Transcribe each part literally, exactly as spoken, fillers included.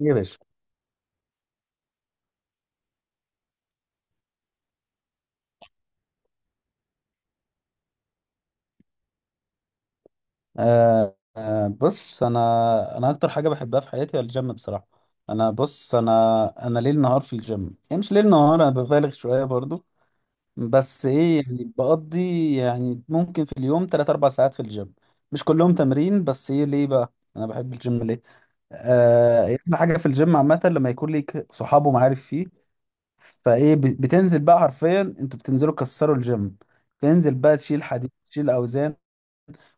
ايه يا باشا. آه آه بص، انا انا اكتر حاجه بحبها في حياتي هو الجيم بصراحه. انا، بص، انا انا ليل نهار في الجيم. يعني مش ليل نهار، انا ببالغ شويه برضو. بس ايه يعني، بقضي يعني ممكن في اليوم ثلاثة اربعة ساعات في الجيم، مش كلهم تمرين. بس ايه ليه بقى انا بحب الجيم ليه؟ آه احلى حاجه في الجيم عامه لما يكون ليك صحاب ومعارف فيه. فايه، ب- بتنزل بقى حرفيا، انتوا بتنزلوا تكسروا الجيم. تنزل بقى تشيل حديد، تشيل اوزان.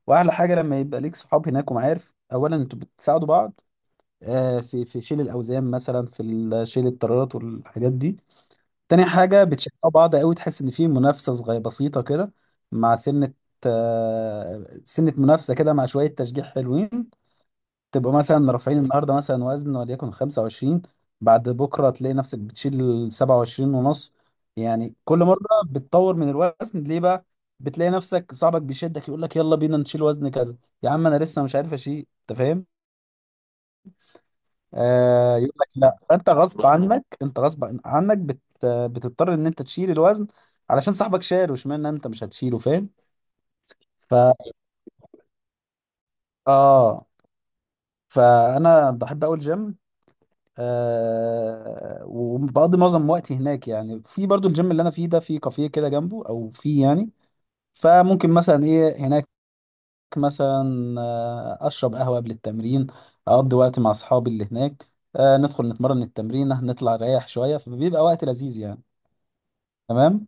واحلى حاجه لما يبقى ليك صحاب هناك ومعارف، اولا انتوا بتساعدوا بعض، آه، في في شيل الاوزان مثلا، في ال- شيل الطيارات والحاجات دي. تاني حاجه، بتشجعوا بعض قوي، تحس ان في منافسه صغيره بسيطه كده، مع سنه، آه، سنه منافسه كده مع شويه تشجيع حلوين. تبقوا مثلا رافعين النهارده مثلا وزن وليكن خمسة وعشرين، بعد بكره تلاقي نفسك بتشيل سبعة وعشرين ونص. يعني كل مره بتطور من الوزن. ليه بقى؟ بتلاقي نفسك صاحبك بيشدك، يقول لك يلا بينا نشيل وزن كذا. يا عم انا لسه مش عارف اشيل، انت فاهم؟ آه يقول لك لا، فانت غصب عنك، انت غصب عنك، بت بتضطر ان انت تشيل الوزن علشان صاحبك شال، واشمعنى انت مش هتشيله؟ فاهم؟ ف اه فانا بحب اقول جيم. آه وبقضي معظم وقتي هناك. يعني في برضو الجيم اللي انا فيه ده في كافيه كده جنبه، او فيه يعني. فممكن مثلا ايه هناك، مثلا آه اشرب قهوة قبل التمرين، اقضي وقت مع اصحابي اللي هناك، آه ندخل نتمرن التمرين، نطلع نريح شوية، فبيبقى وقت لذيذ يعني. تمام.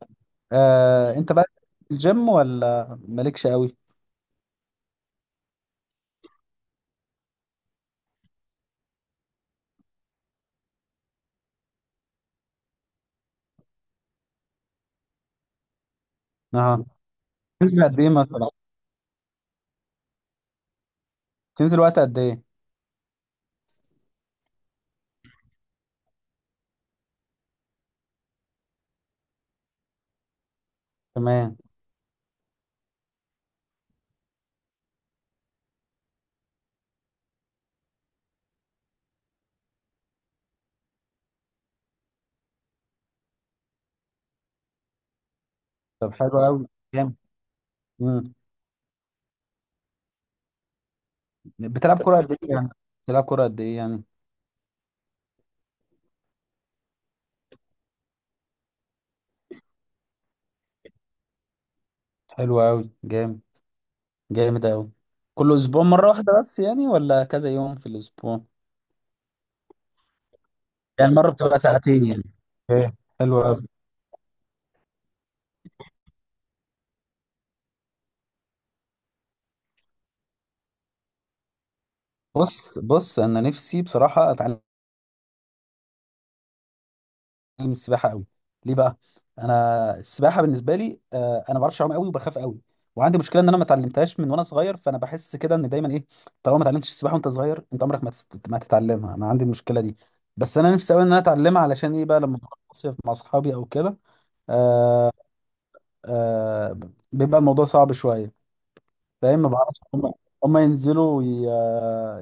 آه انت بقى، الجيم ولا مالكش قوي؟ اه، تنزل قد ايه مثلا؟ تنزل وقت قد ايه؟ تمام، طب حلو قوي. جامد. مم. بتلعب كرة قد ايه يعني بتلعب كرة قد ايه يعني؟ حلو أوي، جامد. جامد أوي. كل أسبوع مرة واحدة بس يعني، ولا كذا يوم في الأسبوع؟ يعني مرة بتبقى ساعتين يعني؟ ايه. حلو قوي. بص بص، أنا نفسي بصراحة أتعلم السباحة أوي. ليه بقى؟ أنا السباحة بالنسبة لي، آه، أنا ما بعرفش أعوم أوي وبخاف أوي. وعندي مشكلة إن أنا ما اتعلمتهاش من وأنا صغير، فأنا بحس كده إن دايما إيه، طالما ما اتعلمتش السباحة وأنت صغير أنت عمرك ما تست- ما تتعلمها. أنا عندي المشكلة دي. بس أنا نفسي أوي إن أنا أتعلمها، علشان إيه بقى، لما أروح مصيف مع أصحابي أو كده. آه، آه بيبقى الموضوع صعب شوية، فاهم؟ ما بعرفش، هم هم ينزلوا ي...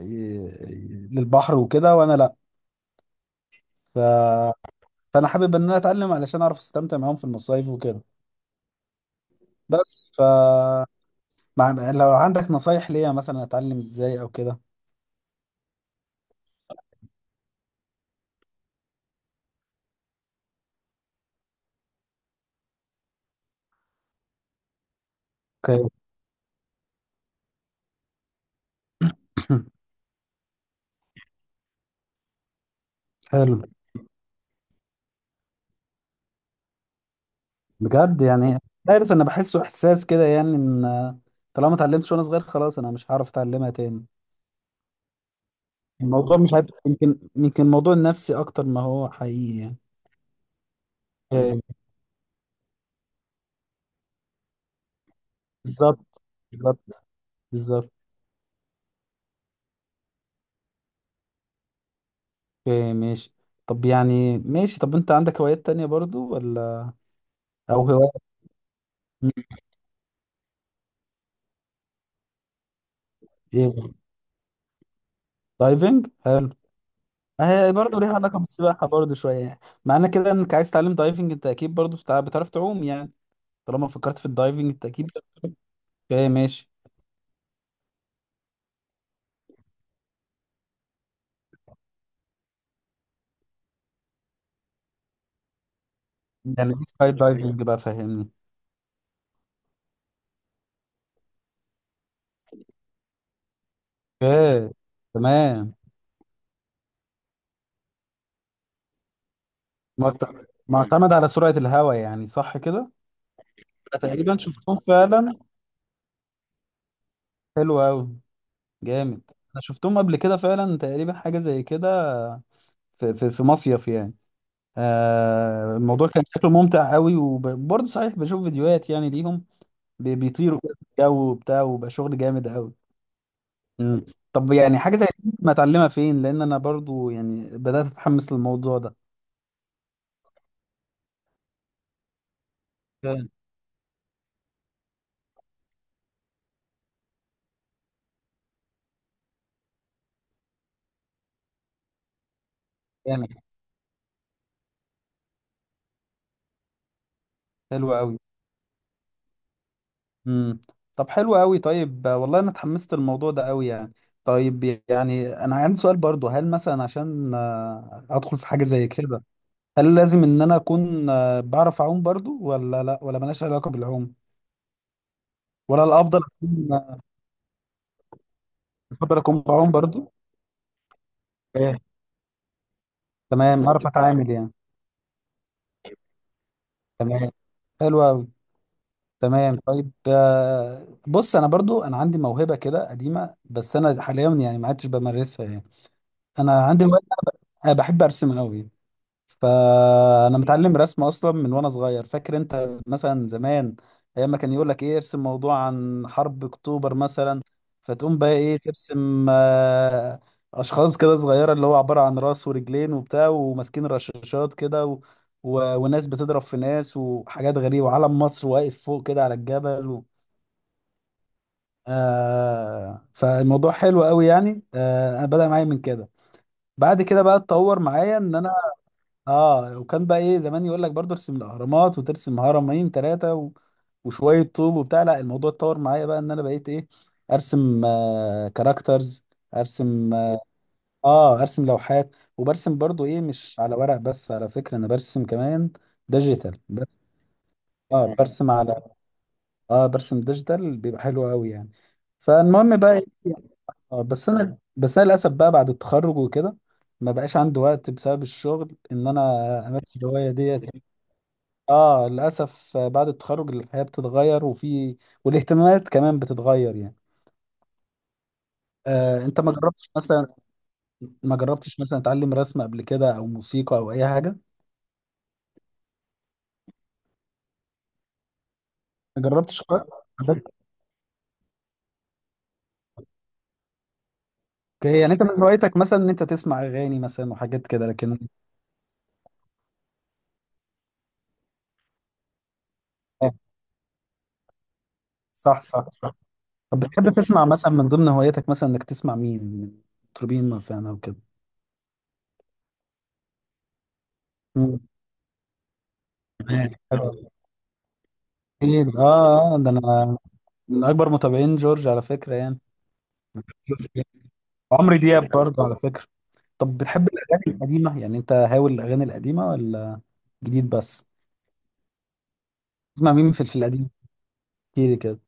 ي... ي... للبحر وكده، وانا لا. ف... فانا حابب ان انا اتعلم علشان اعرف استمتع معاهم في المصايف وكده. بس. ف مع... لو عندك نصايح ليا، مثلا اتعلم ازاي او كده؟ اوكي. حلو، بجد يعني؟ عارف، انا بحسه احساس كده يعني، ان طالما ما اتعلمتش وانا صغير، خلاص انا مش هعرف اتعلمها تاني. الموضوع مش عارف، يمكن يمكن موضوع نفسي اكتر ما هو حقيقي، يعني. بالظبط، بالظبط، بالظبط. اوكي ماشي. طب يعني ماشي، طب انت عندك هوايات تانية برضو، ولا او هواية؟ ايه، دايفنج، حلو. آه، هي برضو ليها علاقة بالسباحة برضو شوية، يعني معنى كده انك عايز تتعلم دايفنج، انت اكيد برضو بتع- بتعرف تعوم يعني، طالما فكرت في الدايفنج انت اكيد. اوكي ماشي. يعني دي سكاي دايفنج بقى، فهمني. اوكي. تمام. معت- معتمد على سرعة الهواء يعني، صح كده؟ أنا تقريبا شفتهم فعلا. حلو قوي. جامد. انا شفتهم قبل كده فعلا، تقريبا حاجه زي كده، في في في مصيف يعني. آه الموضوع كان شكله ممتع قوي، وبرضه صحيح بشوف فيديوهات يعني ليهم، بي- بيطيروا كده في الجو وبتاع، وبقى شغل جامد قوي. مم. طب يعني حاجه زي دي، ما اتعلمها فين؟ لان انا برضه يعني بدات اتحمس للموضوع ده. جامد. جامد. حلو قوي. امم طب حلو قوي. طيب، آه، والله انا اتحمست للموضوع ده قوي يعني. طيب، يعني انا عندي سؤال برضه، هل مثلا عشان آه، ادخل في حاجه زي كده، هل لازم ان انا اكون آه، بعرف اعوم برضو، ولا لا، ولا ملهاش علاقه بالعوم، ولا الافضل اكون، الافضل اكون بعوم برضو؟ إيه. تمام، اعرف اتعامل يعني. تمام، حلو قوي. تمام. طيب، آه، بص، انا برضو انا عندي موهبه كده قديمه، بس انا حاليا يعني ما عدتش بمارسها يعني. انا عندي هواية- انا بحب ارسم قوي. فانا متعلم رسم اصلا من وانا صغير. فاكر انت مثلا زمان، ايام ما كان يقول لك ايه، ارسم موضوع عن حرب اكتوبر مثلا، فتقوم بقى ايه، ترسم آه، اشخاص كده صغيره، اللي هو عباره عن راس ورجلين وبتاع، وماسكين رشاشات كده، و... و... وناس بتضرب في ناس، وحاجات غريبه، وعلم مصر واقف فوق كده على الجبل و... آه... فالموضوع حلو قوي يعني. آه... انا بدأ معايا من كده. بعد كده بقى اتطور معايا ان انا، اه، وكان بقى ايه زمان يقول لك برضه ارسم الاهرامات، وترسم هرمين ثلاثه و... وشويه طوب وبتاع، لا الموضوع اتطور معايا بقى ان انا بقيت ايه، ارسم آه كاركترز، ارسم، آه, اه ارسم لوحات، وبرسم برضه ايه، مش على ورق بس، على فكره انا برسم كمان ديجيتال بس. اه. مم. برسم على اه برسم ديجيتال، بيبقى حلو قوي يعني. فالمهم بقى، إيه، آه بس انا بس انا للاسف بقى بعد التخرج وكده، ما بقاش عندي وقت بسبب الشغل ان انا امارس الهوايه ديت. اه، للاسف بعد التخرج الحياه بتتغير، وفي والاهتمامات كمان بتتغير يعني. آه انت ما جربتش مثلا ما جربتش مثلا تعلم رسم قبل كده، او موسيقى، او اي حاجه؟ ما جربتش خالص؟ عندك- اوكي، يعني انت من هوايتك مثلا ان انت تسمع اغاني مثلا وحاجات كده، لكن. آه صح صح صح. طب بتحب تسمع مثلا، من ضمن هواياتك مثلا انك تسمع مين من مطربين مثلا او كده؟ مم. تمام. حلو. جميل. اه آه، ده انا من اكبر متابعين جورج على فكره يعني. جورج وعمرو دياب برضه، على فكره. طب بتحب الأغاني القديمة يعني؟ أنت هاوي الأغاني القديمة، ولا جديد بس؟ تسمع مين في, في القديم؟ كتير كده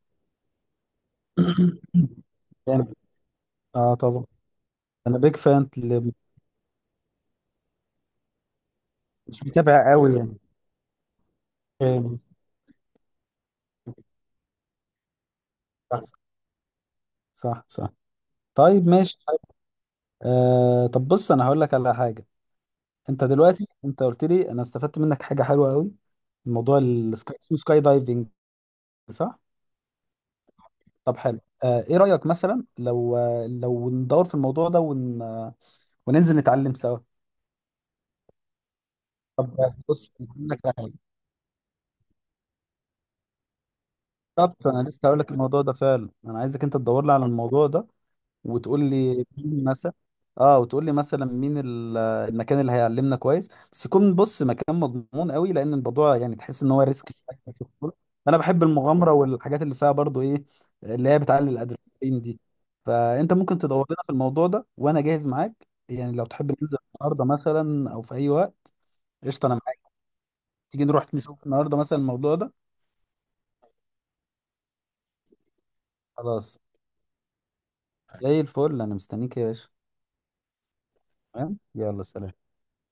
يعني. آه طبعا. أنا بيج فان، اللي مش متابع قوي يعني، فاهم. صح صح صح. طيب، ماشي. آه طب بص، أنا هقول لك على حاجة. أنت دلوقتي أنت قلت لي، أنا استفدت منك حاجة حلوة قوي. الموضوع السكاي، اسمه سكاي دايفنج، صح؟ طب حلو. آه إيه رأيك مثلا، لو آه، لو ندور في الموضوع ده، ون... آه، وننزل نتعلم سوا؟ طب بص، هقول لك على حاجة. بالظبط، انا لسه هقول لك الموضوع ده فعلا، انا عايزك انت تدور لي على الموضوع ده، وتقول لي مين مثلا. اه، وتقول لي مثلا مين ال- آه، المكان اللي هيعلمنا كويس، بس يكون، بص، مكان مضمون قوي، لان الموضوع يعني تحس ان هو ريسك شوية في الكورة. انا بحب المغامره والحاجات اللي فيها برضو ايه، اللي هي بتعلي الادرينالين دي. فانت ممكن تدور لنا في الموضوع ده، وانا جاهز معاك يعني، لو تحب ننزل النهارده مثلا، او في اي وقت. قشطه، انا معاك. تيجي نروح نشوف النهارده مثلا الموضوع ده. خلاص. زي الفل، انا مستنيك يا باشا. تمام، يلا، سلام.